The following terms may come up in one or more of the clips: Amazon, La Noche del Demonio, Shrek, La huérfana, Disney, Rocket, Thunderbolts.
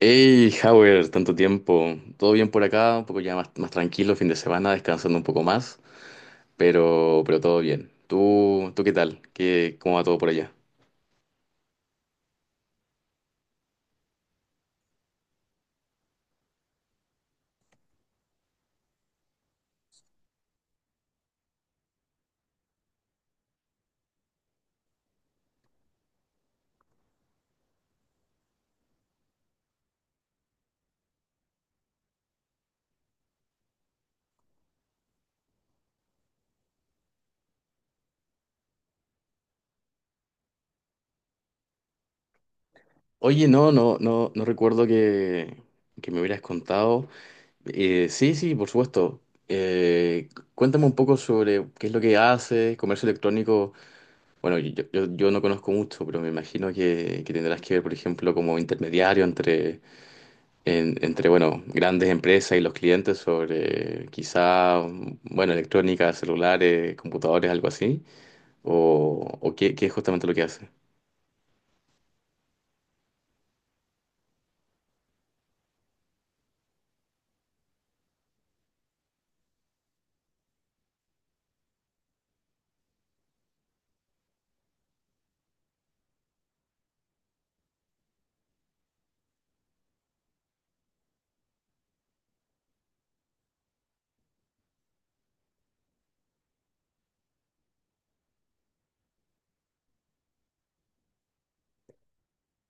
Hey, Howard, tanto tiempo. Todo bien por acá, un poco ya más, más tranquilo, fin de semana, descansando un poco más, pero todo bien. ¿Tú, qué tal? ¿ Cómo va todo por allá? Oye, no, no recuerdo que me hubieras contado. Sí, sí, por supuesto. Eh, Cuéntame un poco sobre qué es lo que haces, comercio electrónico. Bueno, yo no conozco mucho, pero me imagino que tendrás que ver, por ejemplo, como intermediario entre entre, bueno, grandes empresas y los clientes sobre quizá, bueno, electrónica, celulares, computadores, algo así, o qué es justamente lo que hace.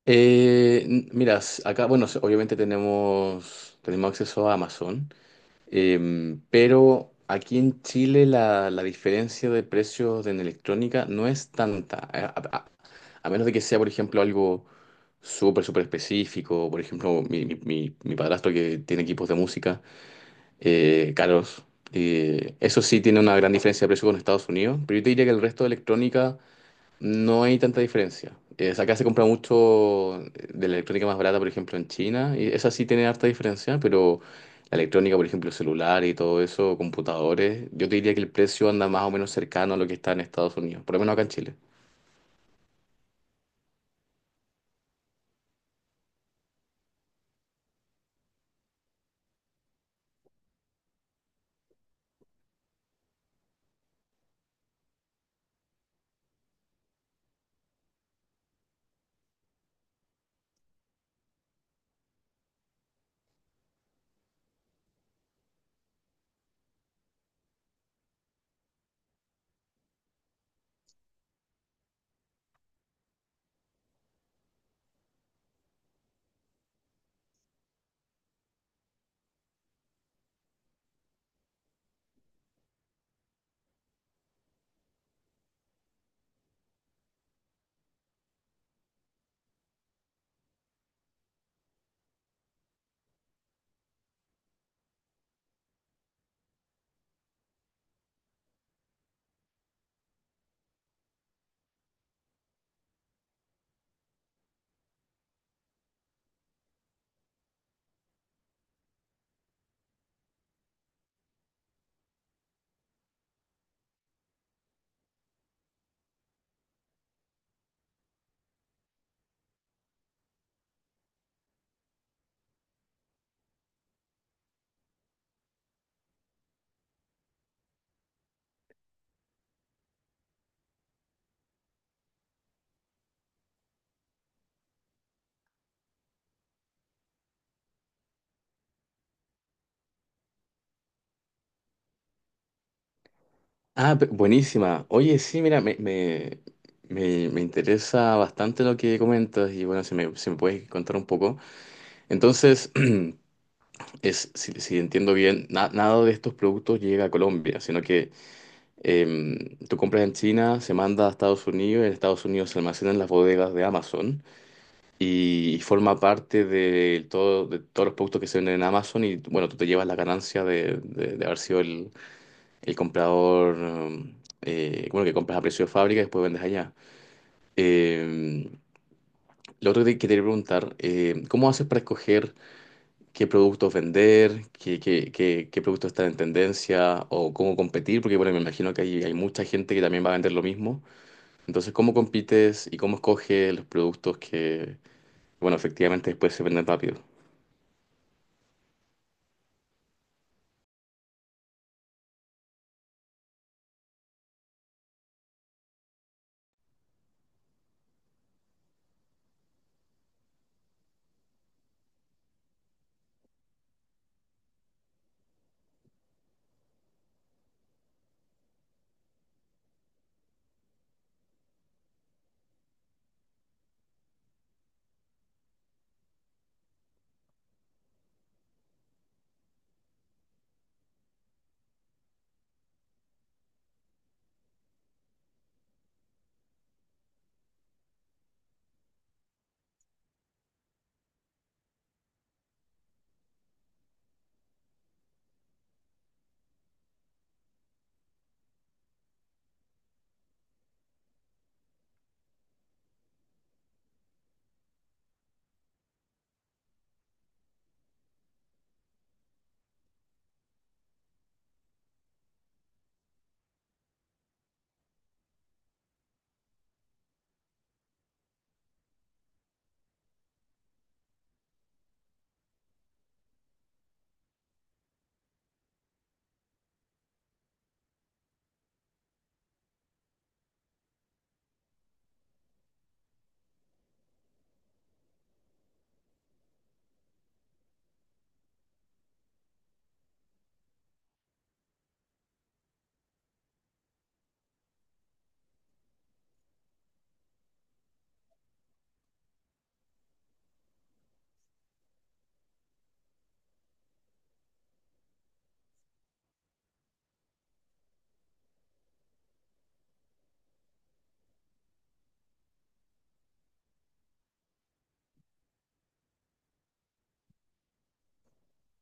Mira, acá, bueno, obviamente tenemos acceso a Amazon. Pero aquí en Chile la diferencia de precios en electrónica no es tanta, a menos de que sea, por ejemplo, algo súper, súper específico. Por ejemplo, mi padrastro que tiene equipos de música caros. Eso sí tiene una gran diferencia de precio con Estados Unidos, pero yo te diría que el resto de electrónica no hay tanta diferencia. O sea, acá se compra mucho de la electrónica más barata, por ejemplo, en China, y esa sí tiene harta diferencia, pero la electrónica, por ejemplo, celular y todo eso, computadores, yo te diría que el precio anda más o menos cercano a lo que está en Estados Unidos, por lo menos acá en Chile. Buenísima. Oye, sí, mira, me interesa bastante lo que comentas y bueno, si me puedes contar un poco. Entonces, es, si entiendo bien, nada de estos productos llega a Colombia, sino que tú compras en China, se manda a Estados Unidos, en Estados Unidos se almacena en las bodegas de Amazon y forma parte de todos los productos que se venden en Amazon y bueno, tú te llevas la ganancia de haber sido el comprador. Bueno, que compras a precio de fábrica y después vendes allá. Em, lo otro que te quería preguntar, em, ¿cómo haces para escoger qué productos vender, qué productos están en tendencia o cómo competir? Porque bueno, me imagino que hay mucha gente que también va a vender lo mismo. Entonces, ¿cómo compites y cómo escoges los productos que, bueno, efectivamente después se venden rápido?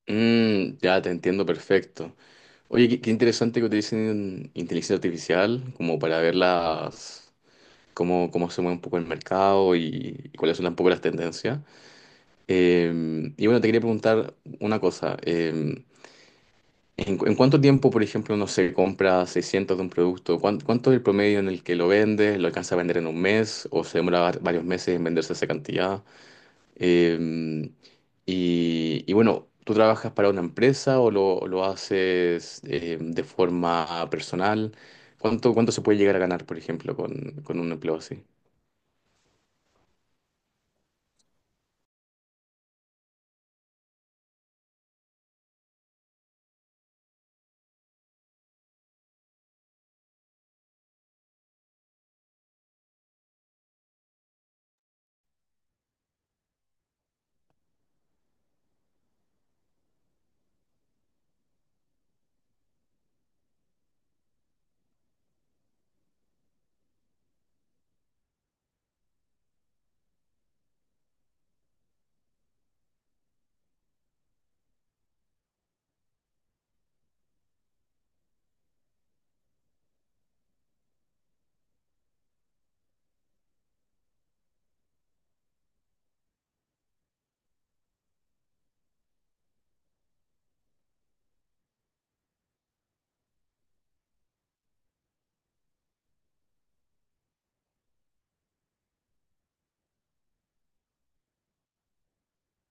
Mm, ya te entiendo perfecto. Oye, qué interesante que utilicen inteligencia artificial como para ver las, cómo se mueve un poco el mercado y cuáles son un poco las tendencias. Y bueno, te quería preguntar una cosa. ¿ En cuánto tiempo, por ejemplo, uno se compra 600 de un producto? ¿ Cuánto es el promedio en el que lo vendes? ¿Lo alcanza a vender en un mes? ¿O se demora varios meses en venderse esa cantidad? Eh, y bueno, ¿tú trabajas para una empresa o lo haces de forma personal? ¿ Cuánto se puede llegar a ganar, por ejemplo, con un empleo así?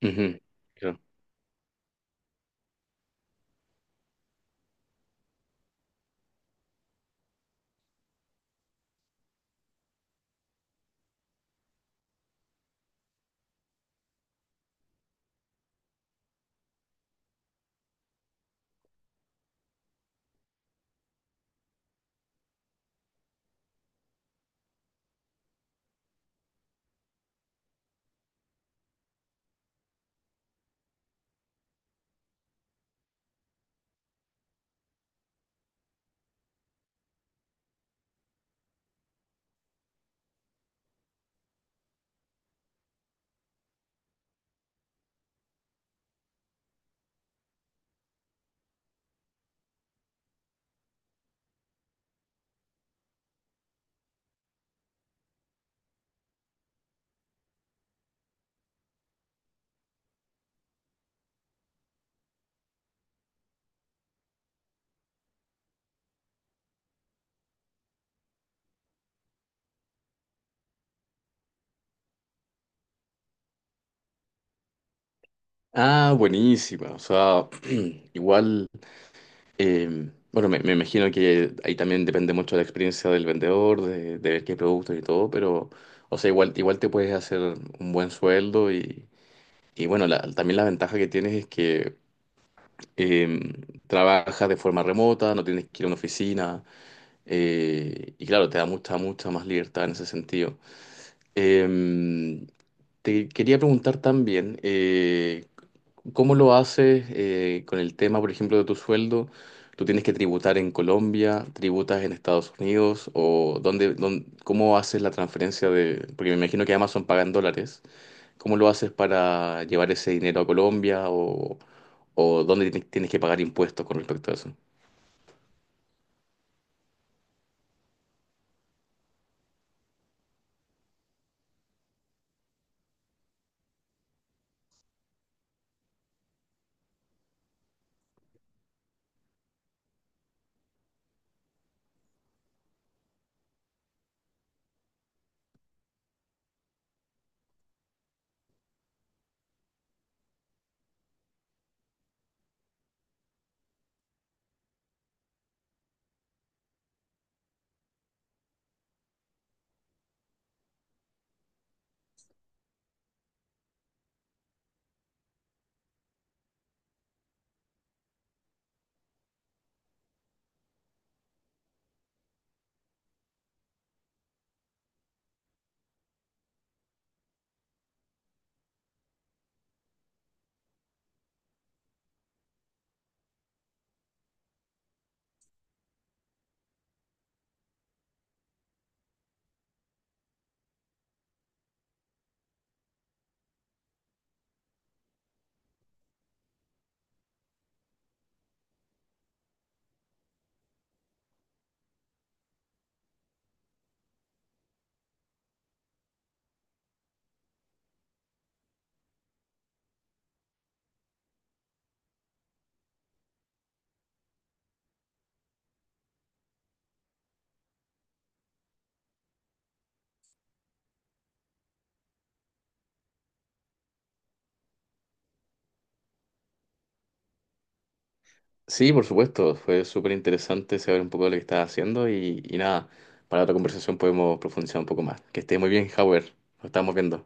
Ujú, claro. Ah, buenísima. O sea, igual. Bueno, me imagino que ahí también depende mucho de la experiencia del vendedor, de ver qué productos y todo, pero, o sea, igual, igual te puedes hacer un buen sueldo. Y, y bueno, también la ventaja que tienes es que eh, trabajas de forma remota, no tienes que ir a una oficina. Eh, y claro, te da mucha, mucha más libertad en ese sentido. Em, te quería preguntar también, ¿cómo lo haces con el tema, por ejemplo, de tu sueldo? ¿Tú tienes que tributar en Colombia, tributas en Estados Unidos o cómo haces la transferencia de, porque me imagino que Amazon paga en dólares? ¿Cómo lo haces para llevar ese dinero a Colombia o dónde tienes que pagar impuestos con respecto a eso? Sí, por supuesto, fue súper interesante saber un poco de lo que estás haciendo y nada, para otra conversación podemos profundizar un poco más. Que esté muy bien, Howard, nos estamos viendo.